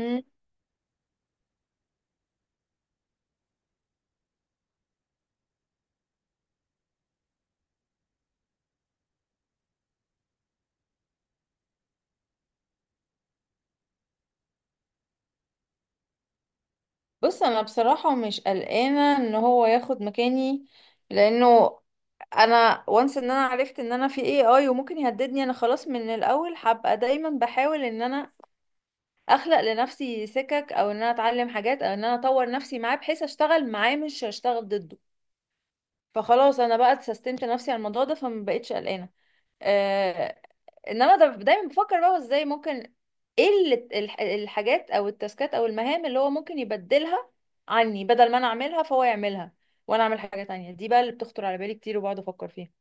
مم. بص، انا بصراحة مش قلقانة ان هو ياخد مكاني، لانه انا وانس ان انا عرفت ان انا في AI وممكن يهددني، انا خلاص من الاول هبقى دايما بحاول ان انا اخلق لنفسي سكك او ان انا اتعلم حاجات او ان انا اطور نفسي معاه، بحيث اشتغل معاه مش اشتغل ضده. فخلاص انا بقى سستمت نفسي على الموضوع ده، فما بقتش قلقانة. آه، انما ده دايما بفكر بقى هو ازاي ممكن. الحاجات او التاسكات او المهام اللي هو ممكن يبدلها عني، بدل ما انا اعملها فهو يعملها وانا اعمل حاجة تانية. دي بقى اللي بتخطر على بالي كتير وبقعد افكر فيها.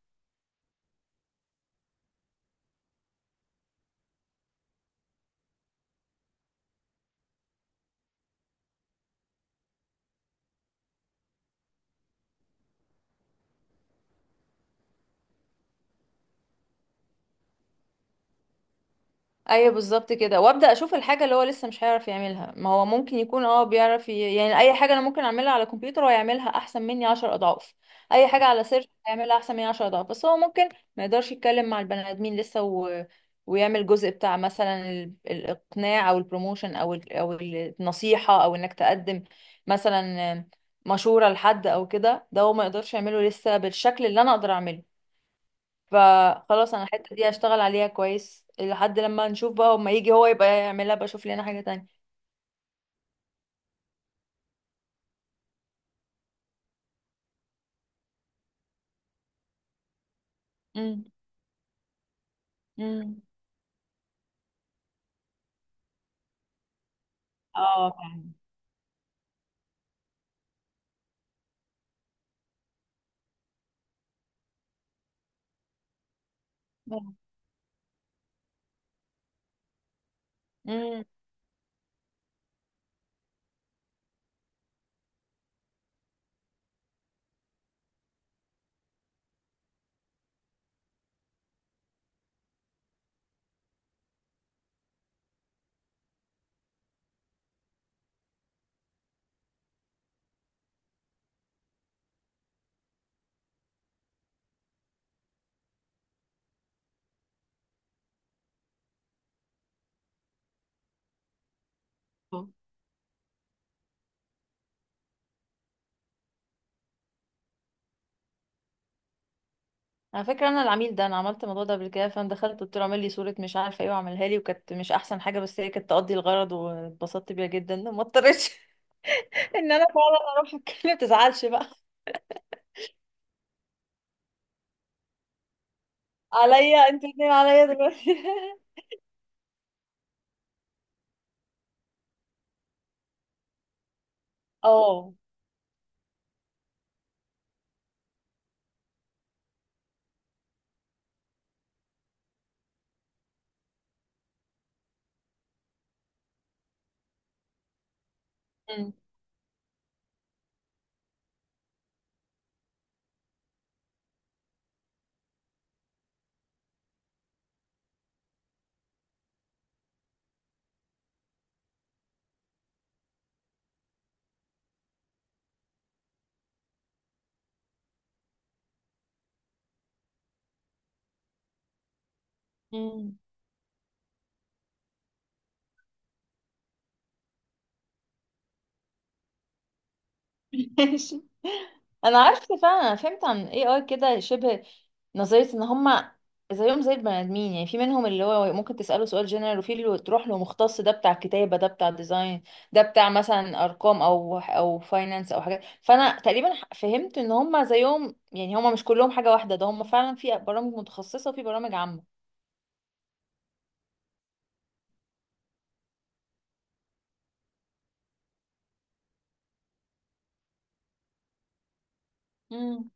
ايوه بالظبط كده، وابدا اشوف الحاجه اللي هو لسه مش هيعرف يعملها. ما هو ممكن يكون بيعرف يعني اي حاجه انا ممكن اعملها على الكمبيوتر، هو يعملها احسن مني 10 اضعاف. اي حاجه على سيرش هيعملها احسن مني 10 اضعاف، بس هو ممكن ما يقدرش يتكلم مع البني ادمين لسه، ويعمل جزء بتاع مثلا الاقناع او البروموشن او النصيحه، او انك تقدم مثلا مشوره لحد او كده. ده هو ما يقدرش يعمله لسه بالشكل اللي انا اقدر اعمله. فخلاص انا الحته دي هشتغل عليها كويس لحد لما نشوف، بقى اما يجي هو يبقى يعملها، بقى اشوف لنا حاجه تانية. امم. امم. اه فعلا. امم. على فكره انا العميل ده، انا عملت الموضوع ده قبل كده، فانا دخلت قلت له اعمل لي صوره مش عارفه ايه، وعملها لي وكانت مش احسن حاجه، بس هي كانت تقضي الغرض واتبسطت بيها جدا، ما اضطرتش ان انا فعلا اروح اتكلم. تزعلش بقى، عليا انتوا الاثنين عليا دلوقتي. اه. امم. امم. ماشي. انا عارفه فعلا، انا فهمت عن AI كده شبه نظريه. ان هما زيهم زي البني ادمين، يعني في منهم اللي هو ممكن تساله سؤال جنرال، وفي اللي تروح له مختص، ده بتاع كتابه، ده بتاع ديزاين، ده بتاع مثلا ارقام او فاينانس او حاجات. فانا تقريبا فهمت ان هما زيهم، يعني هما مش كلهم حاجه واحده، ده هما فعلا في برامج متخصصه وفي برامج عامه. امم.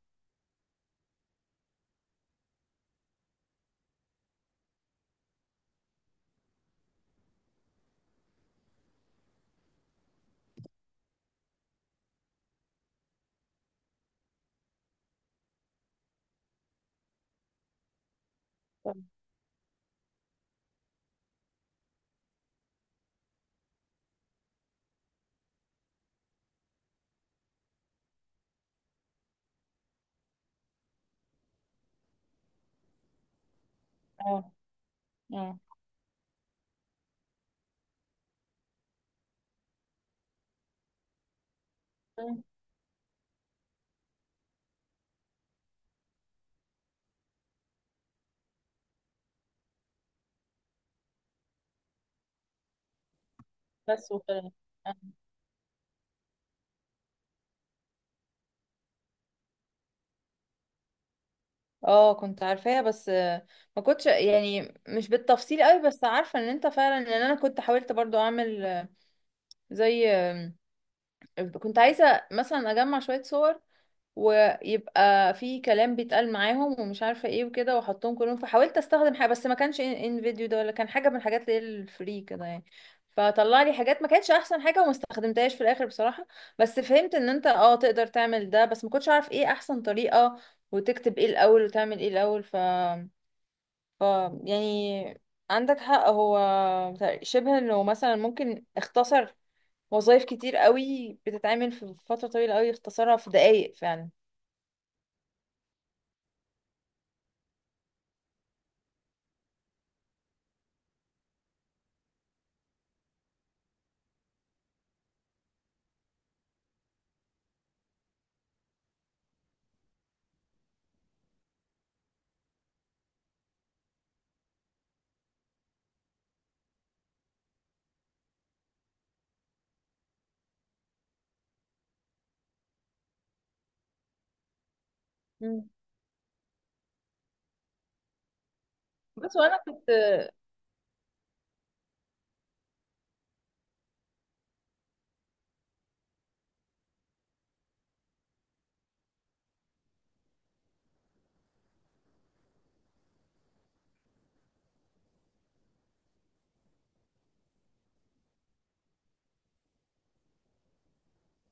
اه. اه. مم. بس وكده. اه، كنت عارفاها، بس ما كنتش يعني مش بالتفصيل قوي، بس عارفه ان انت فعلا. ان انا كنت حاولت برضو اعمل، آه، زي آه، كنت عايزه مثلا اجمع شويه صور ويبقى في كلام بيتقال معاهم ومش عارفه ايه وكده، واحطهم كلهم، فحاولت استخدم حاجه بس ما كانش ان إن فيديو ده، ولا كان حاجه من الحاجات اللي هي الفري كده يعني. فطلع لي حاجات ما كانتش احسن حاجه، وما استخدمتهاش في الاخر بصراحه. بس فهمت ان انت تقدر تعمل ده، بس ما كنتش عارف ايه احسن طريقه، وتكتب ايه الاول وتعمل ايه الاول. ف يعني عندك حق. هو شبه انه مثلا ممكن اختصر وظائف كتير قوي بتتعمل في فترة طويلة قوي، اختصرها في دقايق فعلا. مم. بس وانا كنت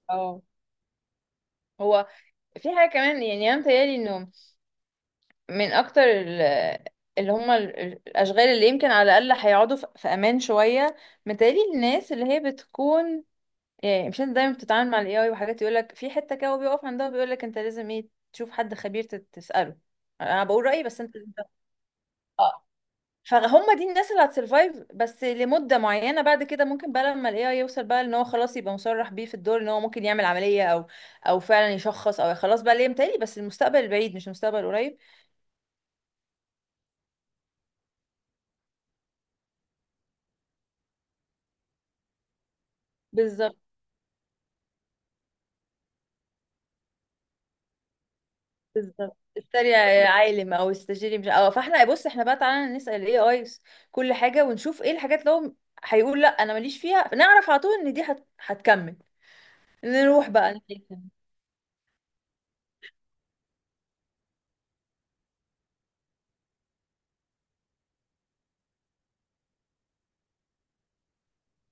اه هو في حاجة كمان، يعني انا متهيألي انه من اكتر اللي هم الاشغال اللي يمكن على الاقل هيقعدوا في امان شوية، متهيألي الناس اللي هي بتكون. يعني مش انت دايما بتتعامل مع الـAI وحاجات يقولك في حتة كده وبيقف عندها، بيقولك انت لازم ايه تشوف حد خبير تسأله. انا بقول رأيي بس اه. فهم، دي الناس اللي هتسرفايف بس لمدة معينة. بعد كده ممكن بقى لما الـAI يوصل بقى، ان هو خلاص يبقى مصرح بيه في الدور، ان هو ممكن يعمل عملية او فعلا يشخص او خلاص بقى ليه. متهيألي بس المستقبل البعيد مش المستقبل القريب. بالظبط. بالظبط اشتري يا عالم او استشيري. مش اه فاحنا بص، احنا بقى تعالى نسأل الـAI كل حاجه، ونشوف ايه الحاجات اللي هو هيقول لا انا ماليش فيها، نعرف على طول ان دي هتكمل. نروح بقى نتكلم.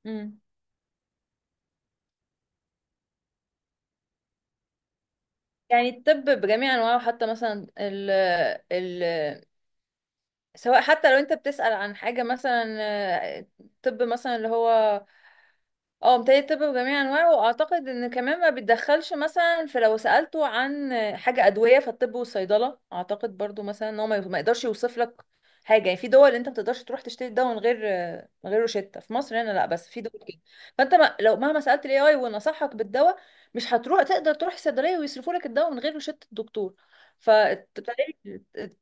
امم. يعني الطب بجميع انواعه، حتى مثلا ال... سواء حتى لو انت بتسأل عن حاجة مثلا، آه، طب مثلا اللي هو، اه متهيألي الطب بجميع انواعه، واعتقد ان كمان ما بيتدخلش مثلا. في لو سألته عن حاجة ادوية، فالطب والصيدلة اعتقد برضو مثلا ان هو ما يقدرش يوصف لك حاجة. يعني في دول انت ما تقدرش تروح تشتري الدواء من غير روشتة. في مصر هنا لا، بس في دول كده. فانت ما لو مهما سألت الـAI ونصحك بالدواء، مش هتروح تقدر تروح الصيدلية ويصرفوا لك الدواء من غير روشتة الدكتور. ف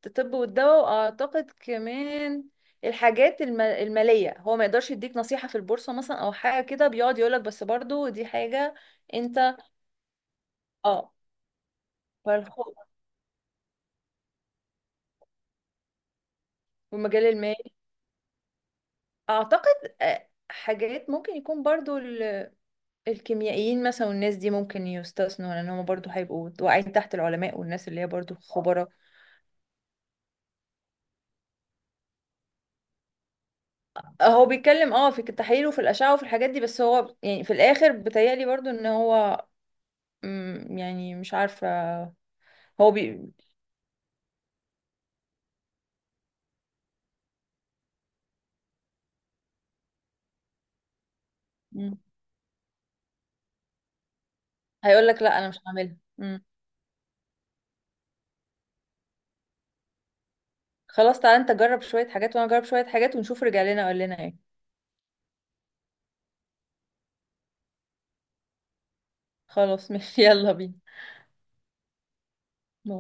الطب والدواء، واعتقد كمان الحاجات المالية، هو ما يقدرش يديك نصيحة في البورصة مثلا او حاجة كده، بيقعد يقولك. بس برضو دي حاجة. انت اه فالخوف، والمجال المالي. اعتقد حاجات ممكن يكون برضو الكيميائيين مثلا والناس دي ممكن يستثنوا، لان هم برضو هيبقوا واقعين تحت العلماء والناس اللي هي برضو خبراء. هو بيتكلم في التحاليل وفي الاشعة وفي الحاجات دي، بس هو يعني في الاخر بيتهيألي برضو ان هو، يعني مش عارفة. هو بي مم. هيقول لك لا انا مش هعملها. مم. خلاص، تعالى انت جرب شوية حاجات وانا اجرب شوية حاجات، ونشوف رجع لنا قال لنا ايه. خلاص ماشي. يلا بينا.